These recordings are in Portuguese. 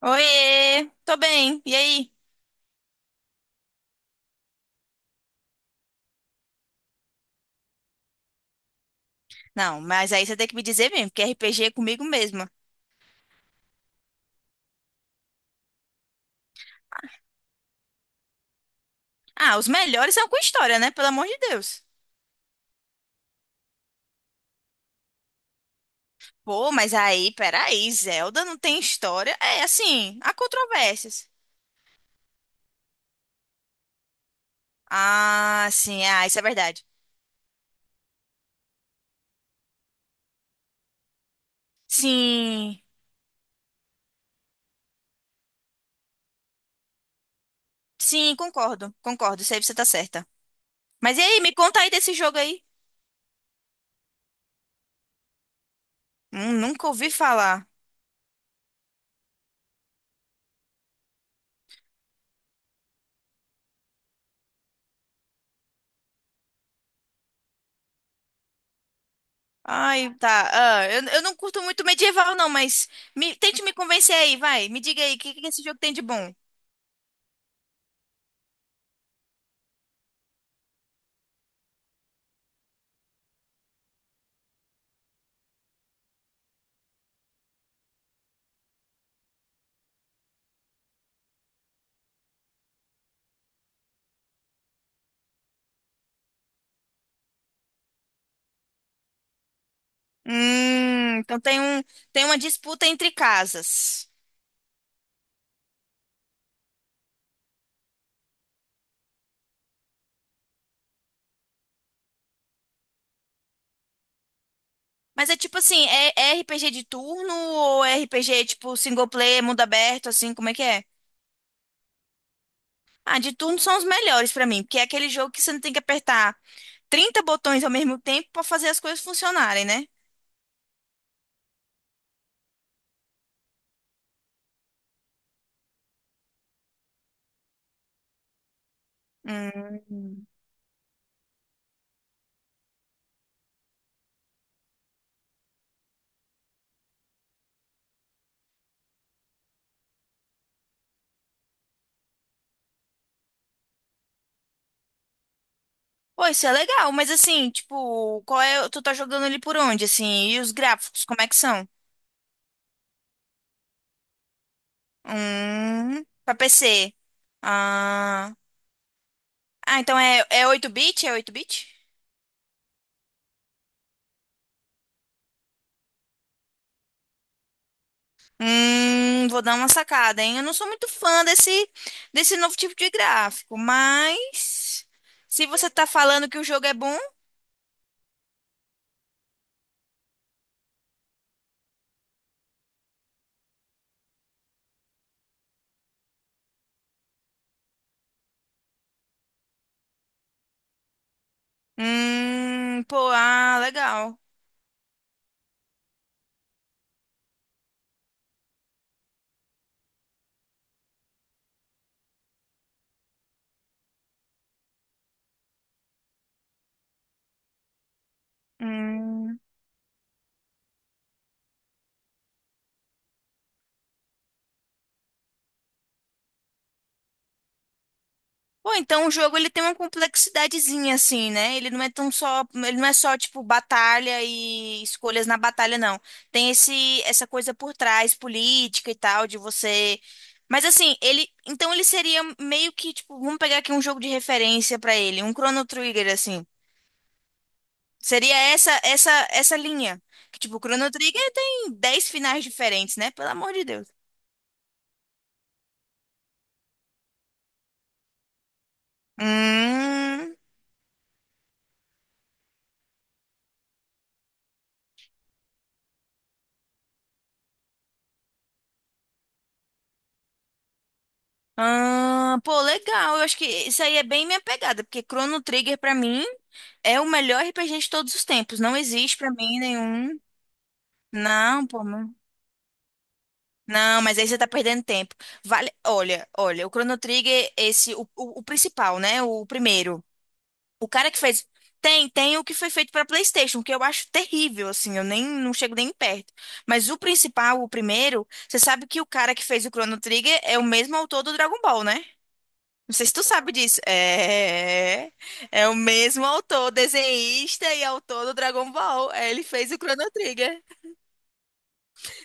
Oiê, tô bem, e aí? Não, mas aí você tem que me dizer mesmo, porque RPG é comigo mesma. Ah, os melhores são com história, né? Pelo amor de Deus. Pô, mas aí, peraí, Zelda não tem história? É, assim, há controvérsias. Ah, sim, é, isso é verdade. Sim, sim, concordo, concordo, isso aí você tá certa. Mas e aí, me conta aí desse jogo aí. Nunca ouvi falar. Ai, tá, ah, eu não curto muito medieval não, mas tente me convencer aí, vai, me diga aí, o que, que esse jogo tem de bom? Então tem uma disputa entre casas. Mas é tipo assim, é RPG de turno ou é RPG tipo single player, mundo aberto, assim, como é que é? Ah, de turno são os melhores pra mim, porque é aquele jogo que você não tem que apertar 30 botões ao mesmo tempo pra fazer as coisas funcionarem, né? Hum. Pô, isso é legal, mas assim, tipo, qual é, tu tá jogando ele por onde, assim? E os gráficos, como é que são? Pra PC. Ah, ah, então é oito bit É oito bit. Vou dar uma sacada, hein? Eu não sou muito fã desse novo tipo de gráfico, mas se você tá falando que o jogo é bom, pô, ah, legal. Hum. Pô, então o jogo ele tem uma complexidadezinha assim, né? Ele não é tão só, ele não é só tipo batalha e escolhas na batalha, não. Tem esse essa coisa por trás, política e tal, de você. Mas assim, então ele seria meio que tipo, vamos pegar aqui um jogo de referência pra ele, um Chrono Trigger assim. Seria essa linha. Que tipo, o Chrono Trigger tem 10 finais diferentes, né? Pelo amor de Deus. Hum. Ah, pô, legal. Eu acho que isso aí é bem minha pegada, porque Chrono Trigger pra mim é o melhor RPG de todos os tempos. Não existe pra mim nenhum. Não, pô, não. Não, mas aí você tá perdendo tempo. Vale, olha, olha, o Chrono Trigger, o principal, né? O primeiro. O cara que fez. Tem o que foi feito pra PlayStation, que eu acho terrível, assim, eu nem não chego nem perto. Mas o principal, o primeiro, você sabe que o cara que fez o Chrono Trigger é o mesmo autor do Dragon Ball, né? Não sei se tu sabe disso. É o mesmo autor, desenhista e autor do Dragon Ball. É, ele fez o Chrono Trigger.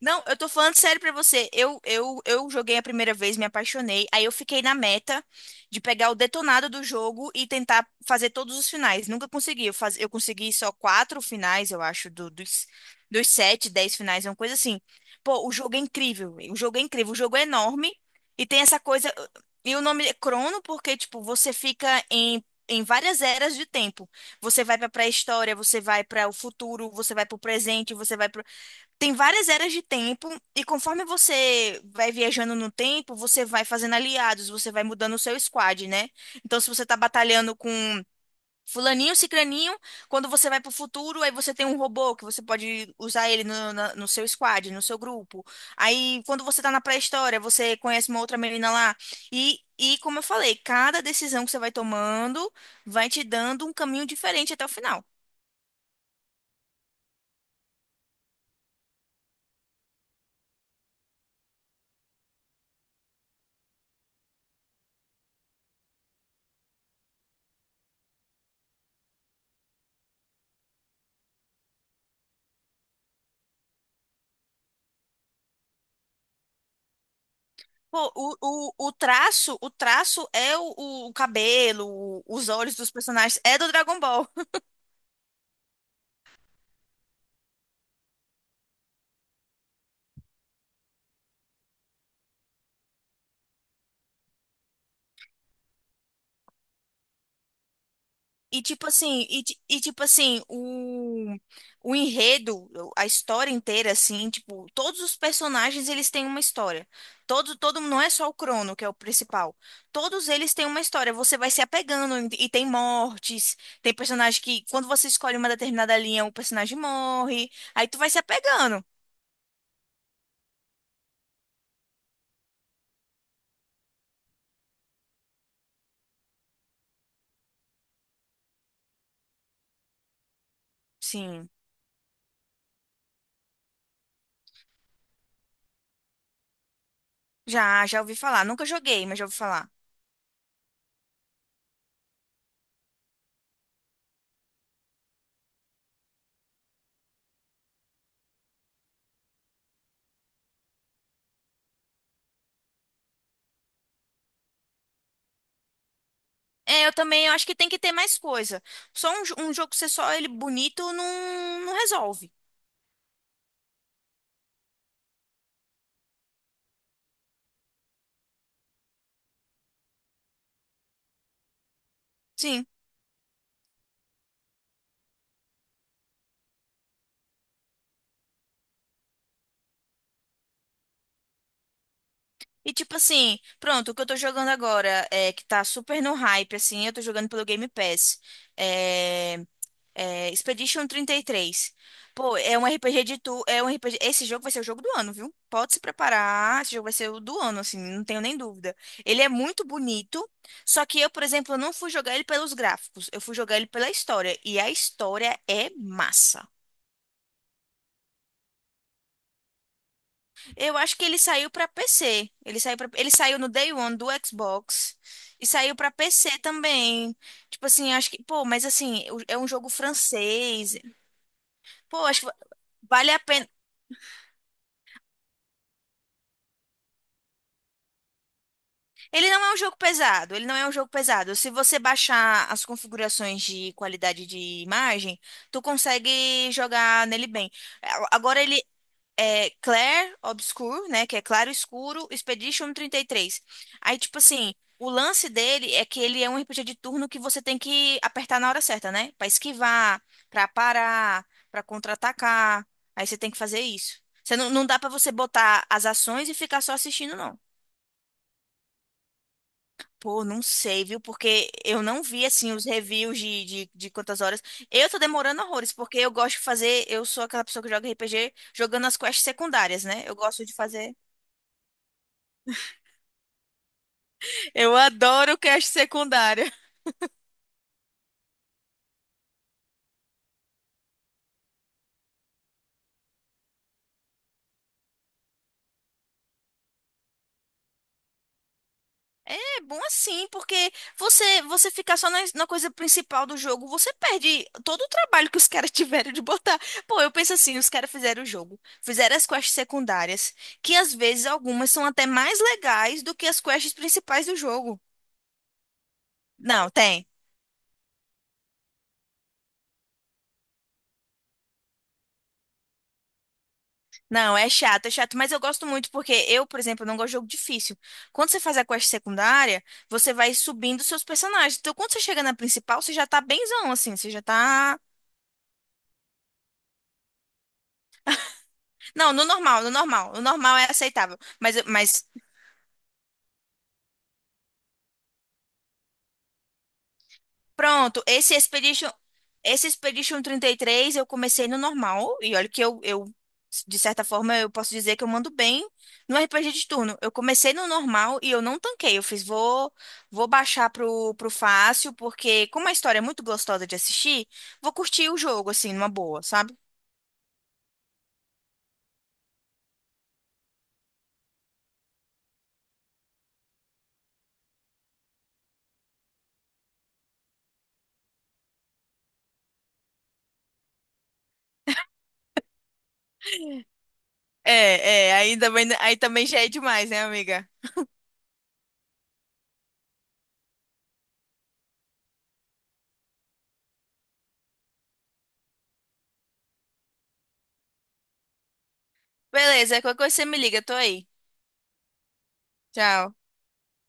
Não, eu tô falando sério pra você. Eu joguei a primeira vez, me apaixonei. Aí eu fiquei na meta de pegar o detonado do jogo e tentar fazer todos os finais. Nunca consegui. Eu consegui só quatro finais, eu acho, dos sete, 10 finais, é uma coisa assim. Pô, o jogo é incrível. O jogo é incrível. O jogo é enorme e tem essa coisa. E o nome é Crono porque, tipo, você fica em. Em várias eras de tempo. Você vai pra pré-história, você vai para o futuro, você vai pro presente, você vai pro tem várias eras de tempo, e conforme você vai viajando no tempo, você vai fazendo aliados, você vai mudando o seu squad, né? Então, se você tá batalhando com fulaninho, cicraninho, quando você vai pro futuro, aí você tem um robô que você pode usar ele no seu squad, no seu grupo. Aí, quando você tá na pré-história, você conhece uma outra menina lá. E, como eu falei, cada decisão que você vai tomando vai te dando um caminho diferente até o final. Pô, o traço, o traço é o cabelo, os olhos dos personagens, é do Dragon Ball. E tipo assim, tipo assim, o enredo, a história inteira, assim, tipo, todos os personagens eles têm uma história. Todo, não é só o Crono, que é o principal. Todos eles têm uma história. Você vai se apegando e tem mortes. Tem personagem que, quando você escolhe uma determinada linha, o personagem morre. Aí tu vai se apegando. Sim. Já, já ouvi falar. Nunca joguei, mas já ouvi falar. É, eu também eu acho que tem que ter mais coisa. Só um, jo- um jogo ser só ele bonito não, não resolve. Sim. E tipo assim, pronto, o que eu tô jogando agora é que tá super no hype, assim, eu tô jogando pelo Game Pass. É, É, Expedition 33. Pô, é um RPG, esse jogo vai ser o jogo do ano, viu? Pode se preparar, esse jogo vai ser o do ano, assim, não tenho nem dúvida. Ele é muito bonito, só que eu, por exemplo, não fui jogar ele pelos gráficos, eu fui jogar ele pela história, e a história é massa. Eu acho que ele saiu pra PC, ele saiu no Day One do Xbox e saiu pra PC também. Tipo assim, acho que, pô, mas assim, é um jogo francês. Pô, acho que vale a pena. Ele não é um jogo pesado, ele não é um jogo pesado. Se você baixar as configurações de qualidade de imagem, tu consegue jogar nele bem. É, Agora ele é Clair Obscur, né, que é claro escuro, Expedition 33. Aí tipo assim, o lance dele é que ele é um RPG de turno que você tem que apertar na hora certa, né? Pra esquivar, pra parar, pra contra-atacar. Aí você tem que fazer isso. Você não dá pra você botar as ações e ficar só assistindo, não. Pô, não sei, viu? Porque eu não vi, assim, os reviews de quantas horas. Eu tô demorando horrores, porque eu gosto de fazer. Eu sou aquela pessoa que joga RPG jogando as quests secundárias, né? Eu gosto de fazer. Eu adoro quest secundária. É bom assim, porque você ficar só na coisa principal do jogo, você perde todo o trabalho que os caras tiveram de botar. Pô, eu penso assim, os caras fizeram o jogo, fizeram as quests secundárias, que às vezes algumas são até mais legais do que as quests principais do jogo. Não, tem. Não, é chato, mas eu gosto muito porque eu, por exemplo, não gosto de jogo difícil. Quando você faz a quest secundária, você vai subindo seus personagens. Então, quando você chega na principal, você já tá benzão, assim, você já tá. Não, no normal, no normal. O normal é aceitável. Mas. Pronto, esse Expedition 33 eu comecei no normal, e olha que eu, de certa forma, eu posso dizer que eu mando bem no RPG de turno. Eu comecei no normal e eu não tanquei, vou baixar pro fácil, porque como a história é muito gostosa de assistir, vou curtir o jogo, assim, numa boa, sabe? É, aí também já é demais, né, amiga? Beleza, qualquer coisa você me liga, tô aí. Tchau.